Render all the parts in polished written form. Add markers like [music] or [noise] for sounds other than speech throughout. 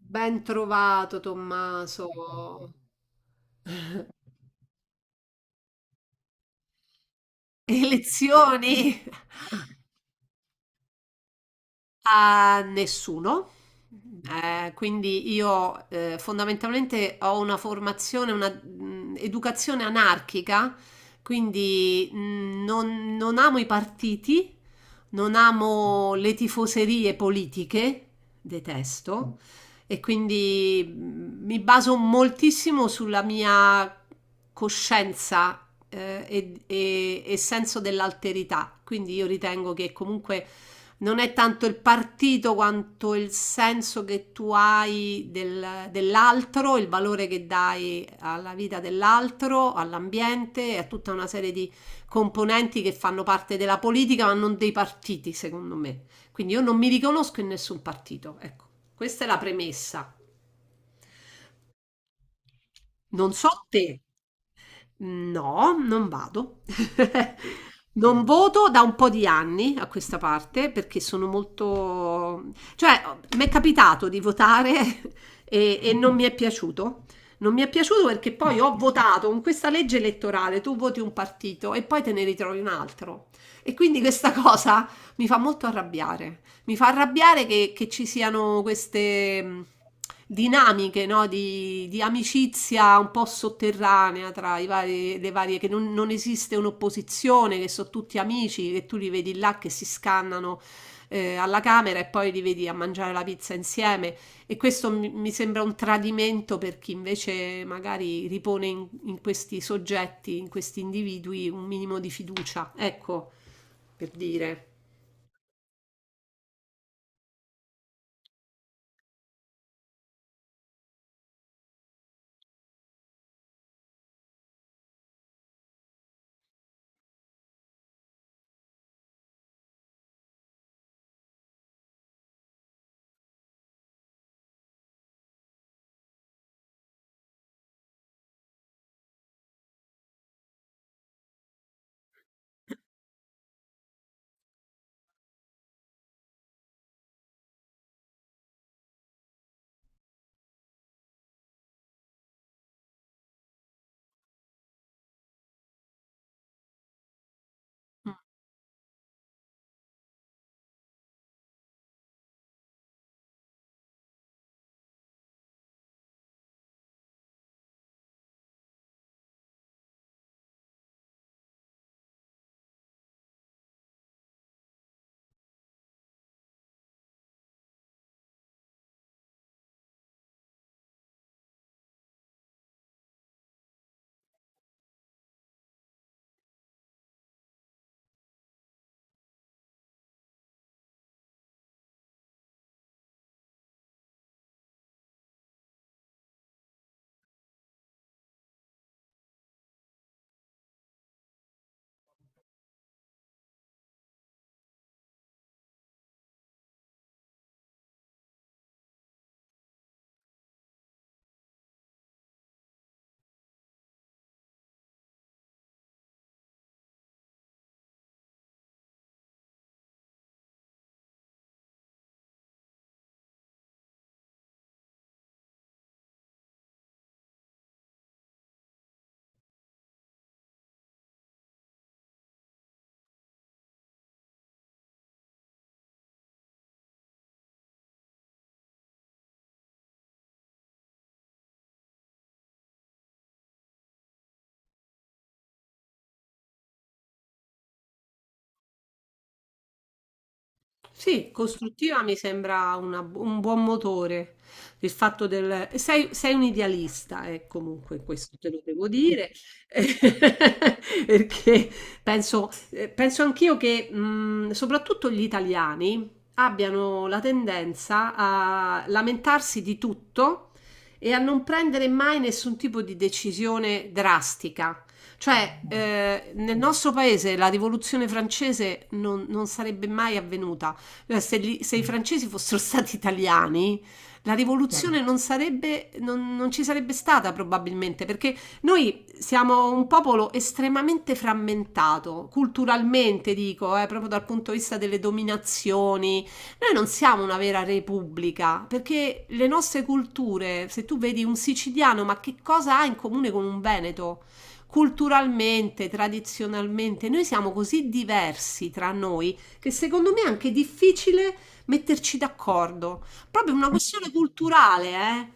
Ben trovato Tommaso. Elezioni? A nessuno. Quindi io fondamentalmente ho una formazione, una educazione anarchica, quindi non amo i partiti, non amo le tifoserie politiche, detesto, e quindi mi baso moltissimo sulla mia coscienza e senso dell'alterità. Quindi io ritengo che comunque non è tanto il partito quanto il senso che tu hai dell'altro, il valore che dai alla vita dell'altro, all'ambiente e a tutta una serie di componenti che fanno parte della politica, ma non dei partiti, secondo me. Quindi io non mi riconosco in nessun partito. Ecco, questa è la premessa. Non so te. No, non vado. [laughs] Non voto da un po' di anni a questa parte perché sono molto, cioè, mi è capitato di votare [laughs] e non mi è piaciuto. Non mi è piaciuto perché poi ho votato con questa legge elettorale, tu voti un partito e poi te ne ritrovi un altro. E quindi questa cosa mi fa molto arrabbiare. Mi fa arrabbiare che ci siano queste dinamiche, no, di amicizia un po' sotterranea tra i vari, le varie, che non esiste un'opposizione, che sono tutti amici, che tu li vedi là che si scannano alla camera e poi li vedi a mangiare la pizza insieme. E questo mi sembra un tradimento per chi invece magari ripone in questi soggetti, in questi individui, un minimo di fiducia. Ecco, per dire. Mm. Sì, costruttiva mi sembra un buon motore. Sei un idealista, comunque, questo te lo devo dire. [laughs] Perché penso anch'io che soprattutto gli italiani abbiano la tendenza a lamentarsi di tutto e a non prendere mai nessun tipo di decisione drastica. Cioè, nel nostro paese la rivoluzione francese non sarebbe mai avvenuta se i francesi fossero [laughs] stati italiani, la rivoluzione non sarebbe, non ci sarebbe stata probabilmente, perché noi siamo un popolo estremamente frammentato, culturalmente dico, proprio dal punto di vista delle dominazioni. Noi non siamo una vera repubblica, perché le nostre culture, se tu vedi un siciliano, ma che cosa ha in comune con un veneto? Culturalmente, tradizionalmente, noi siamo così diversi tra noi che secondo me è anche difficile metterci d'accordo. Proprio una questione culturale, eh?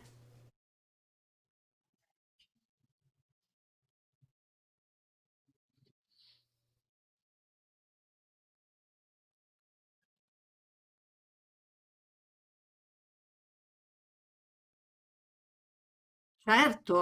Certo,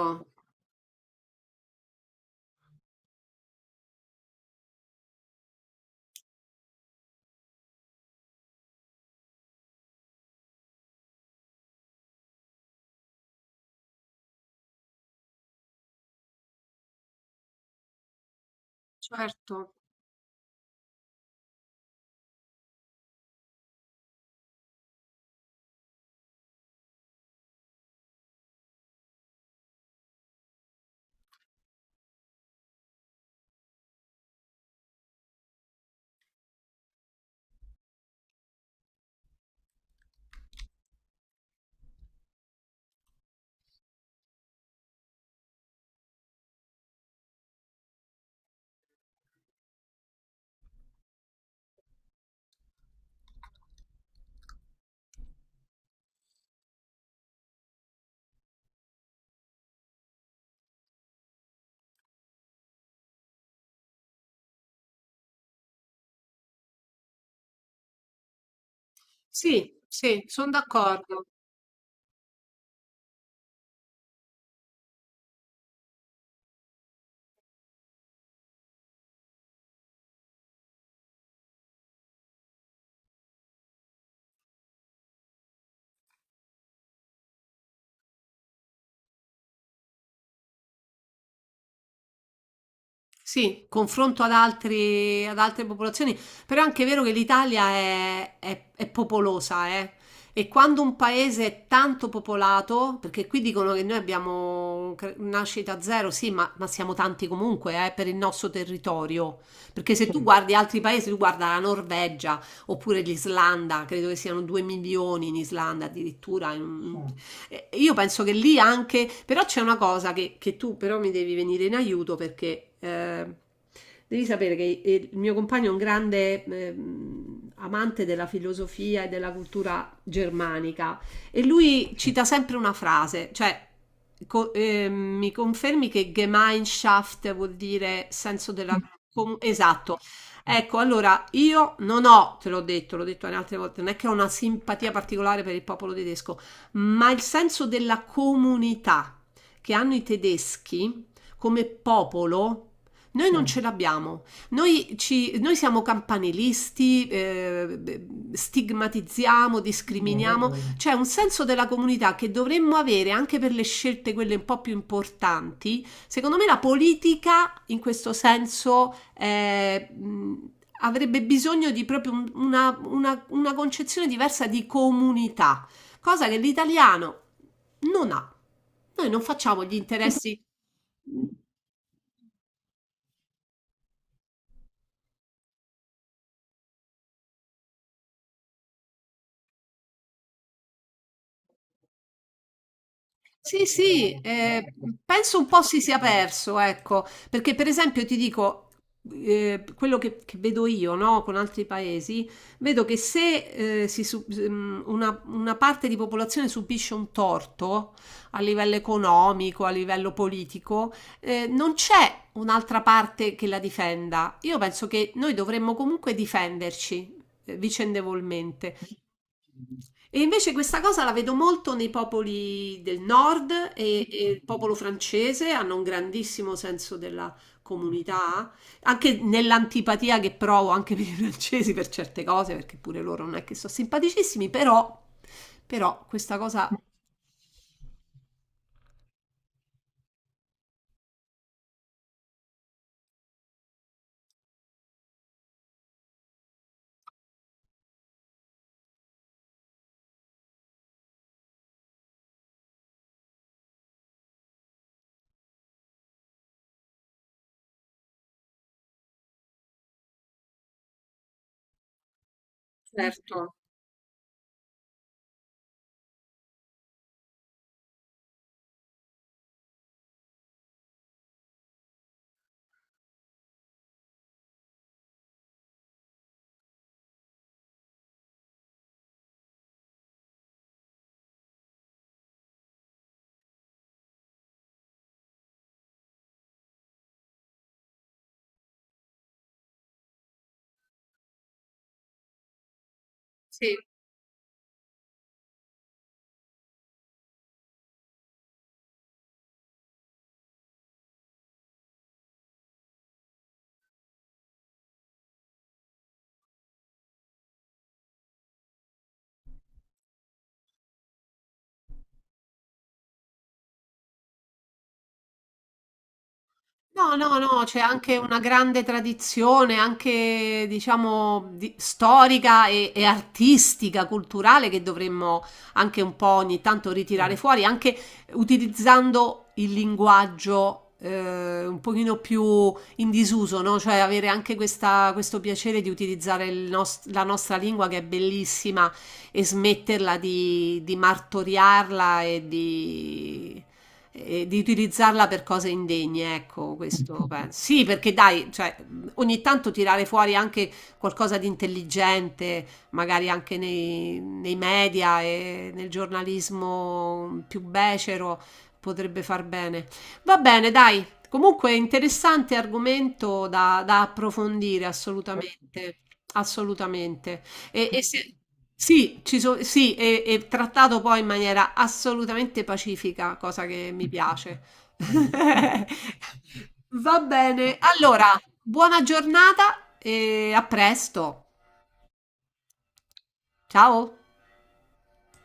certo. Sì, sì, sono d'accordo. Sì, confronto ad altre popolazioni, però è anche vero che l'Italia è popolosa, eh. E quando un paese è tanto popolato, perché qui dicono che noi abbiamo nascita zero, sì, ma siamo tanti comunque, per il nostro territorio. Perché se tu guardi altri paesi, tu guarda la Norvegia oppure l'Islanda, credo che siano 2 milioni in Islanda addirittura, io penso che lì anche, però c'è una cosa che tu però mi devi venire in aiuto perché devi sapere che il mio compagno è un grande amante della filosofia e della cultura germanica e lui cita sempre una frase, cioè mi confermi che Gemeinschaft vuol dire senso della... Esatto. Ecco, allora io non ho, te l'ho detto anche altre volte, non è che ho una simpatia particolare per il popolo tedesco, ma il senso della comunità che hanno i tedeschi come popolo, noi non ce l'abbiamo. Noi siamo campanilisti, beh, stigmatizziamo, discriminiamo. Mm. C'è un senso della comunità che dovremmo avere anche per le scelte, quelle un po' più importanti. Secondo me la politica, in questo senso, avrebbe bisogno di proprio una concezione diversa di comunità, cosa che l'italiano non ha. Noi non facciamo gli interessi. Sì, sì, penso un po' si sia perso, ecco, perché per esempio ti dico, quello che vedo io, no, con altri paesi, vedo che se una parte di popolazione subisce un torto a livello economico, a livello politico, non c'è un'altra parte che la difenda. Io penso che noi dovremmo comunque difenderci vicendevolmente. E invece questa cosa la vedo molto nei popoli del nord e il popolo francese hanno un grandissimo senso della comunità, anche nell'antipatia che provo anche per i francesi per certe cose, perché pure loro non è che sono simpaticissimi, però questa cosa... Certo, sì. No, no, no, c'è anche una grande tradizione, anche diciamo storica e artistica, culturale, che dovremmo anche un po' ogni tanto ritirare fuori, anche utilizzando il linguaggio un pochino più in disuso, no? Cioè avere anche questo piacere di utilizzare la nostra lingua che è bellissima e smetterla di martoriarla e di utilizzarla per cose indegne, ecco, questo [laughs] penso. Sì, perché dai, cioè, ogni tanto tirare fuori anche qualcosa di intelligente, magari anche nei media e nel giornalismo più becero, potrebbe far bene. Va bene, dai. Comunque interessante argomento da approfondire, assolutamente, assolutamente. E, e se- sì, sì, e trattato poi in maniera assolutamente pacifica, cosa che mi piace. [laughs] Va bene, allora, buona giornata e a presto. Ciao.